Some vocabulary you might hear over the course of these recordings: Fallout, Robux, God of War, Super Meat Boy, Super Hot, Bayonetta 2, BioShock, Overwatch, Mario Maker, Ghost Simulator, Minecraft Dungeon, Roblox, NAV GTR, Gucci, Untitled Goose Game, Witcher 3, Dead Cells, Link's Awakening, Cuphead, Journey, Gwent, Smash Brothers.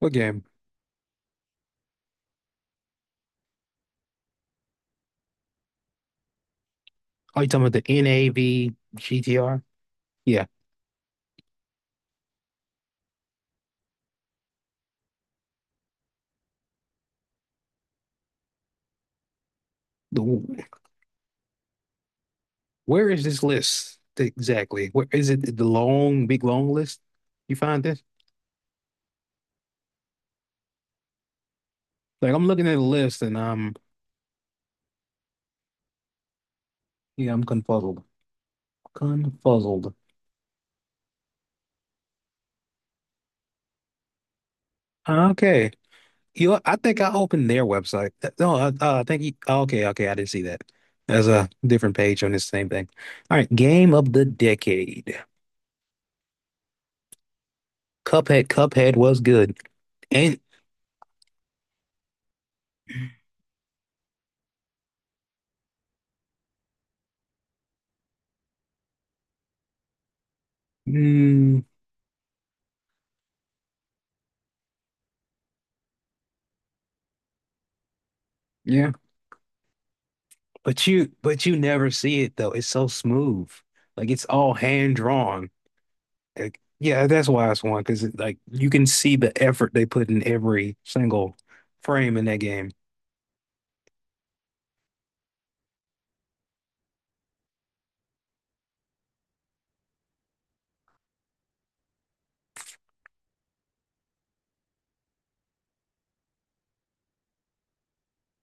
What game? Are you talking about the NAV GTR? Yeah. The, where is this list exactly? Where is it the long, big long list? You find this? Like I'm looking at the list and I'm yeah, I'm confuzzled. Confuzzled. Okay. You know, I think I opened their website. No, I think you, okay, okay, I didn't see that. There's a different page on this same thing. All right, game of the decade. Cuphead, Cuphead was good. And mm, yeah. But you never see it though. It's so smooth. Like it's all hand drawn. Like, yeah, that's why it's one because like you can see the effort they put in every single frame in that game.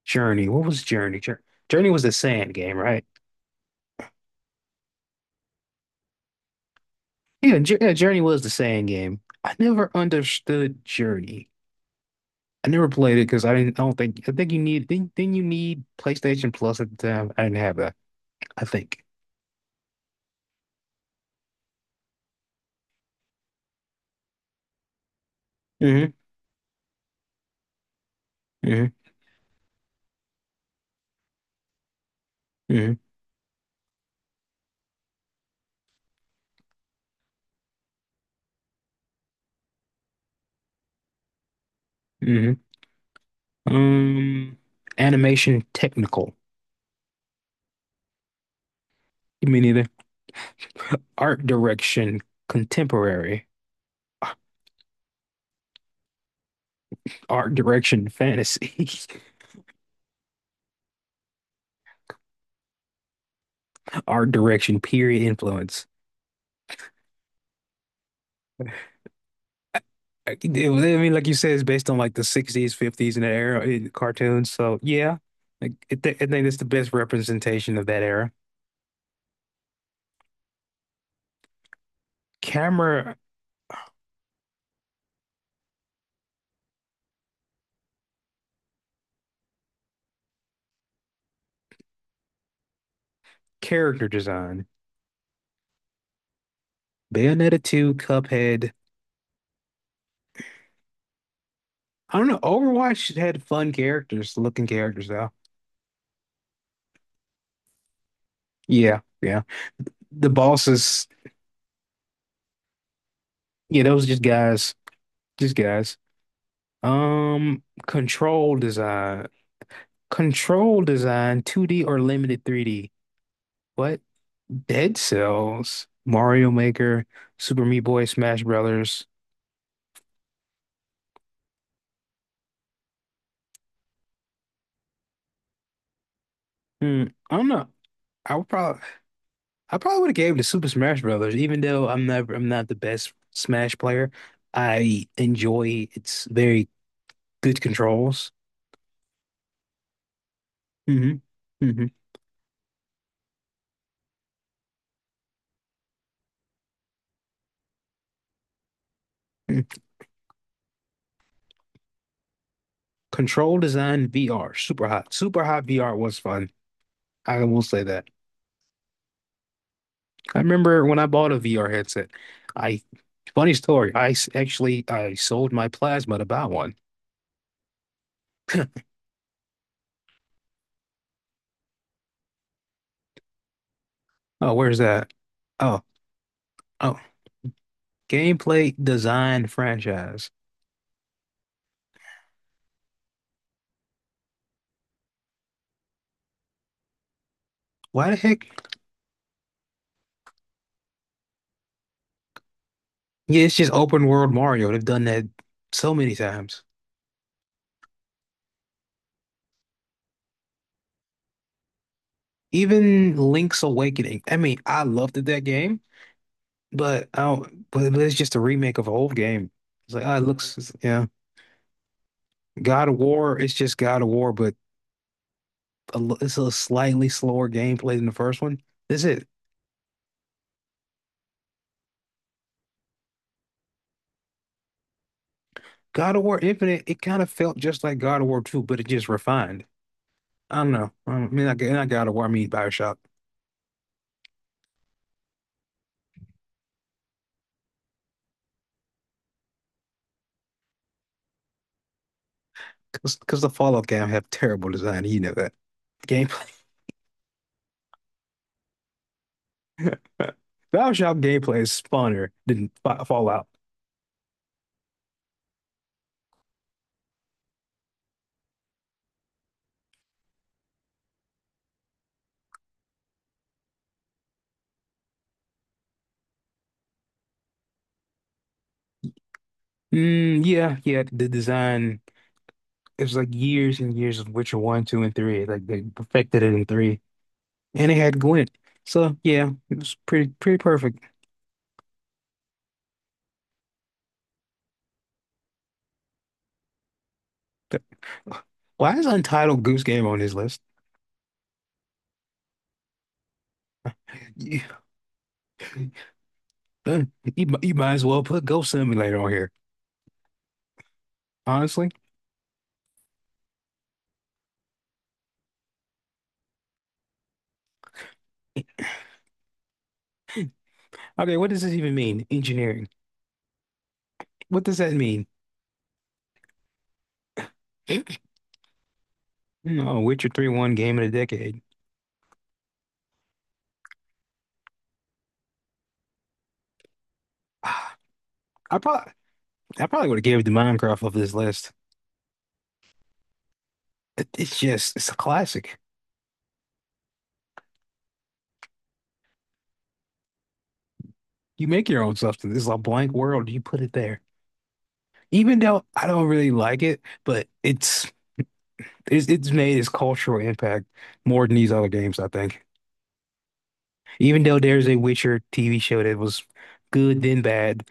Journey. What was Journey? Journey was the sand game, right? Yeah, yeah, Journey was the sand game. I never understood Journey. I never played it because I didn't. I don't think. I think you need. Then you need PlayStation Plus at the time. I didn't have that. I think. Hmm hmm hmm hmm Um, Animation technical. You mean either art direction contemporary, art direction fantasy, art direction period influence. I mean, like you said, it's based on like the 60s, 50s, and that era in cartoons. So yeah, like, I think that's the best representation of that era. Camera character design. Bayonetta 2, Cuphead. I don't know. Overwatch had fun characters, looking characters though. Yeah, yeah. The bosses. Yeah, those just guys, just guys. Control design, control design, 2D or limited 3D. What? Dead Cells, Mario Maker, Super Meat Boy, Smash Brothers. Hmm, I don't know. I would probably, I probably would have gave it to Super Smash Brothers, even though I'm never, I'm not the best Smash player. I enjoy its very good controls. Hmm hmm Control design VR, super hot. Super hot VR was fun. I will say that. I remember when I bought a VR headset. I funny story. Actually I sold my plasma to buy one. Oh, where's that? Oh, oh, gameplay design franchise. Why the heck? Yeah, it's just open world Mario. They've done that so many times. Even Link's Awakening. I mean, I loved that game, but but it's just a remake of an old game. It's like, ah, it looks, yeah. God of War, it's just God of War, but it's a slightly slower gameplay than the first one. This is God of War Infinite. It kind of felt just like God of War 2, but it just refined. I don't know. I mean, I Not God of War, I mean BioShock. Because the Fallout game have terrible design. You know that. Gameplay. BioShock gameplay is funner than Fallout. Mm, yeah, yeah. The design it was like years and years of Witcher 1, 2, and 3. Like they perfected it in 3. And it had Gwent. So yeah, it was pretty perfect. Why is Untitled Goose Game on his list? You, uh, you might as well put Ghost Simulator on here, honestly. Okay, what does this even mean? Engineering. What does that mean? No, Witcher 3 won game of the decade. Ah, I probably I probably would have gave it to Minecraft off this list. It's just it's a classic. You make your own substance. It's a blank world. You put it there. Even though I don't really like it, but it's made its cultural impact more than these other games, I think. Even though there's a Witcher TV show that was good then bad,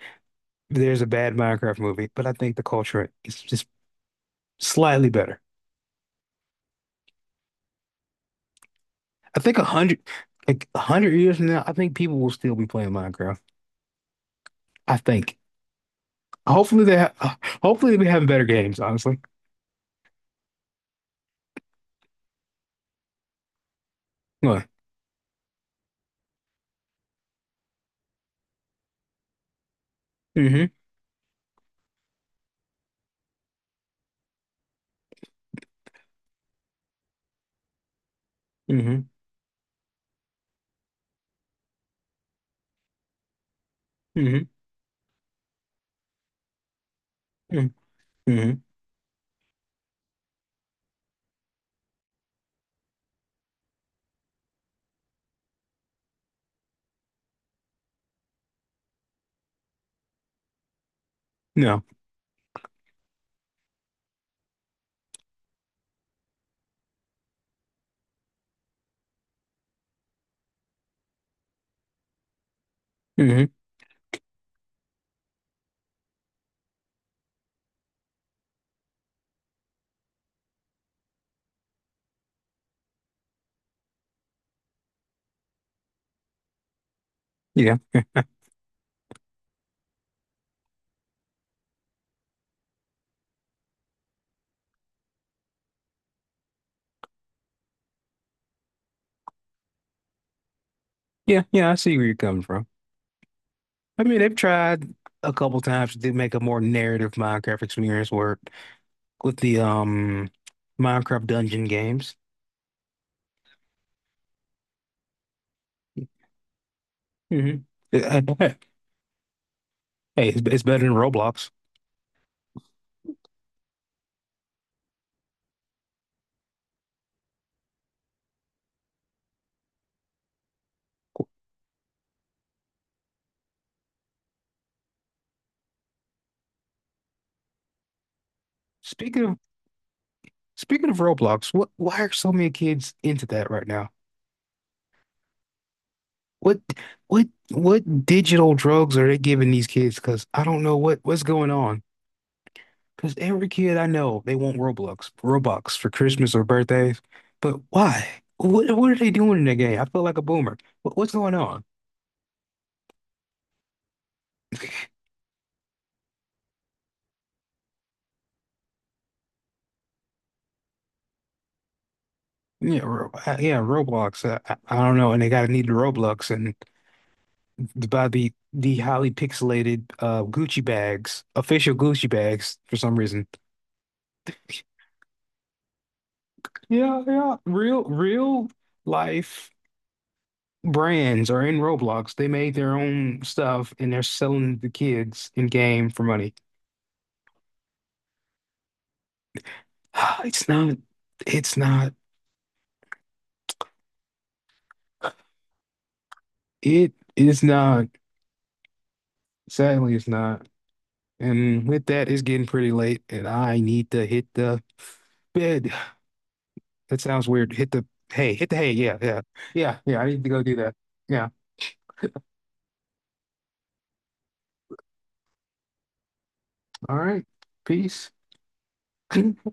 there's a bad Minecraft movie, but I think the culture is just slightly better. I think a hundred, Like 100 years from now, I think people will still be playing Minecraft. I think. Hopefully they ha hopefully they have better games, honestly. What? Mm-hmm. Mm-hmm. Mm-hmm. Mm-hmm. Mm-hmm. No. Mm-hmm. Yeah. Yeah. Yeah. I see where you're coming from. I mean, they've tried a couple times to make a more narrative Minecraft experience work with the Minecraft dungeon games. Hmm Hey, it's better than Roblox. Speaking of Speaking of Roblox, what why are so many kids into that right now? What what what digital drugs are they giving these kids? Because I don't know what's going on. Because every kid I know, they want Roblox, Robux for Christmas or birthdays. But why? What are they doing in the game? I feel like a boomer. What, what's going on? Yeah, yeah, Roblox. I don't know, and they gotta need the Roblox and about the highly pixelated Gucci bags, official Gucci bags for some reason. Yeah, yeah, real life brands are in Roblox. They made their own stuff and they're selling the kids in game for money. It's not. It's not. It is not. Sadly, it's not. And with that, it's getting pretty late, and I need to hit the bed. That sounds weird. Hit the hay. Hit the hay. Yeah, yeah, yeah, yeah. I need to go do that. Yeah. All right. Peace.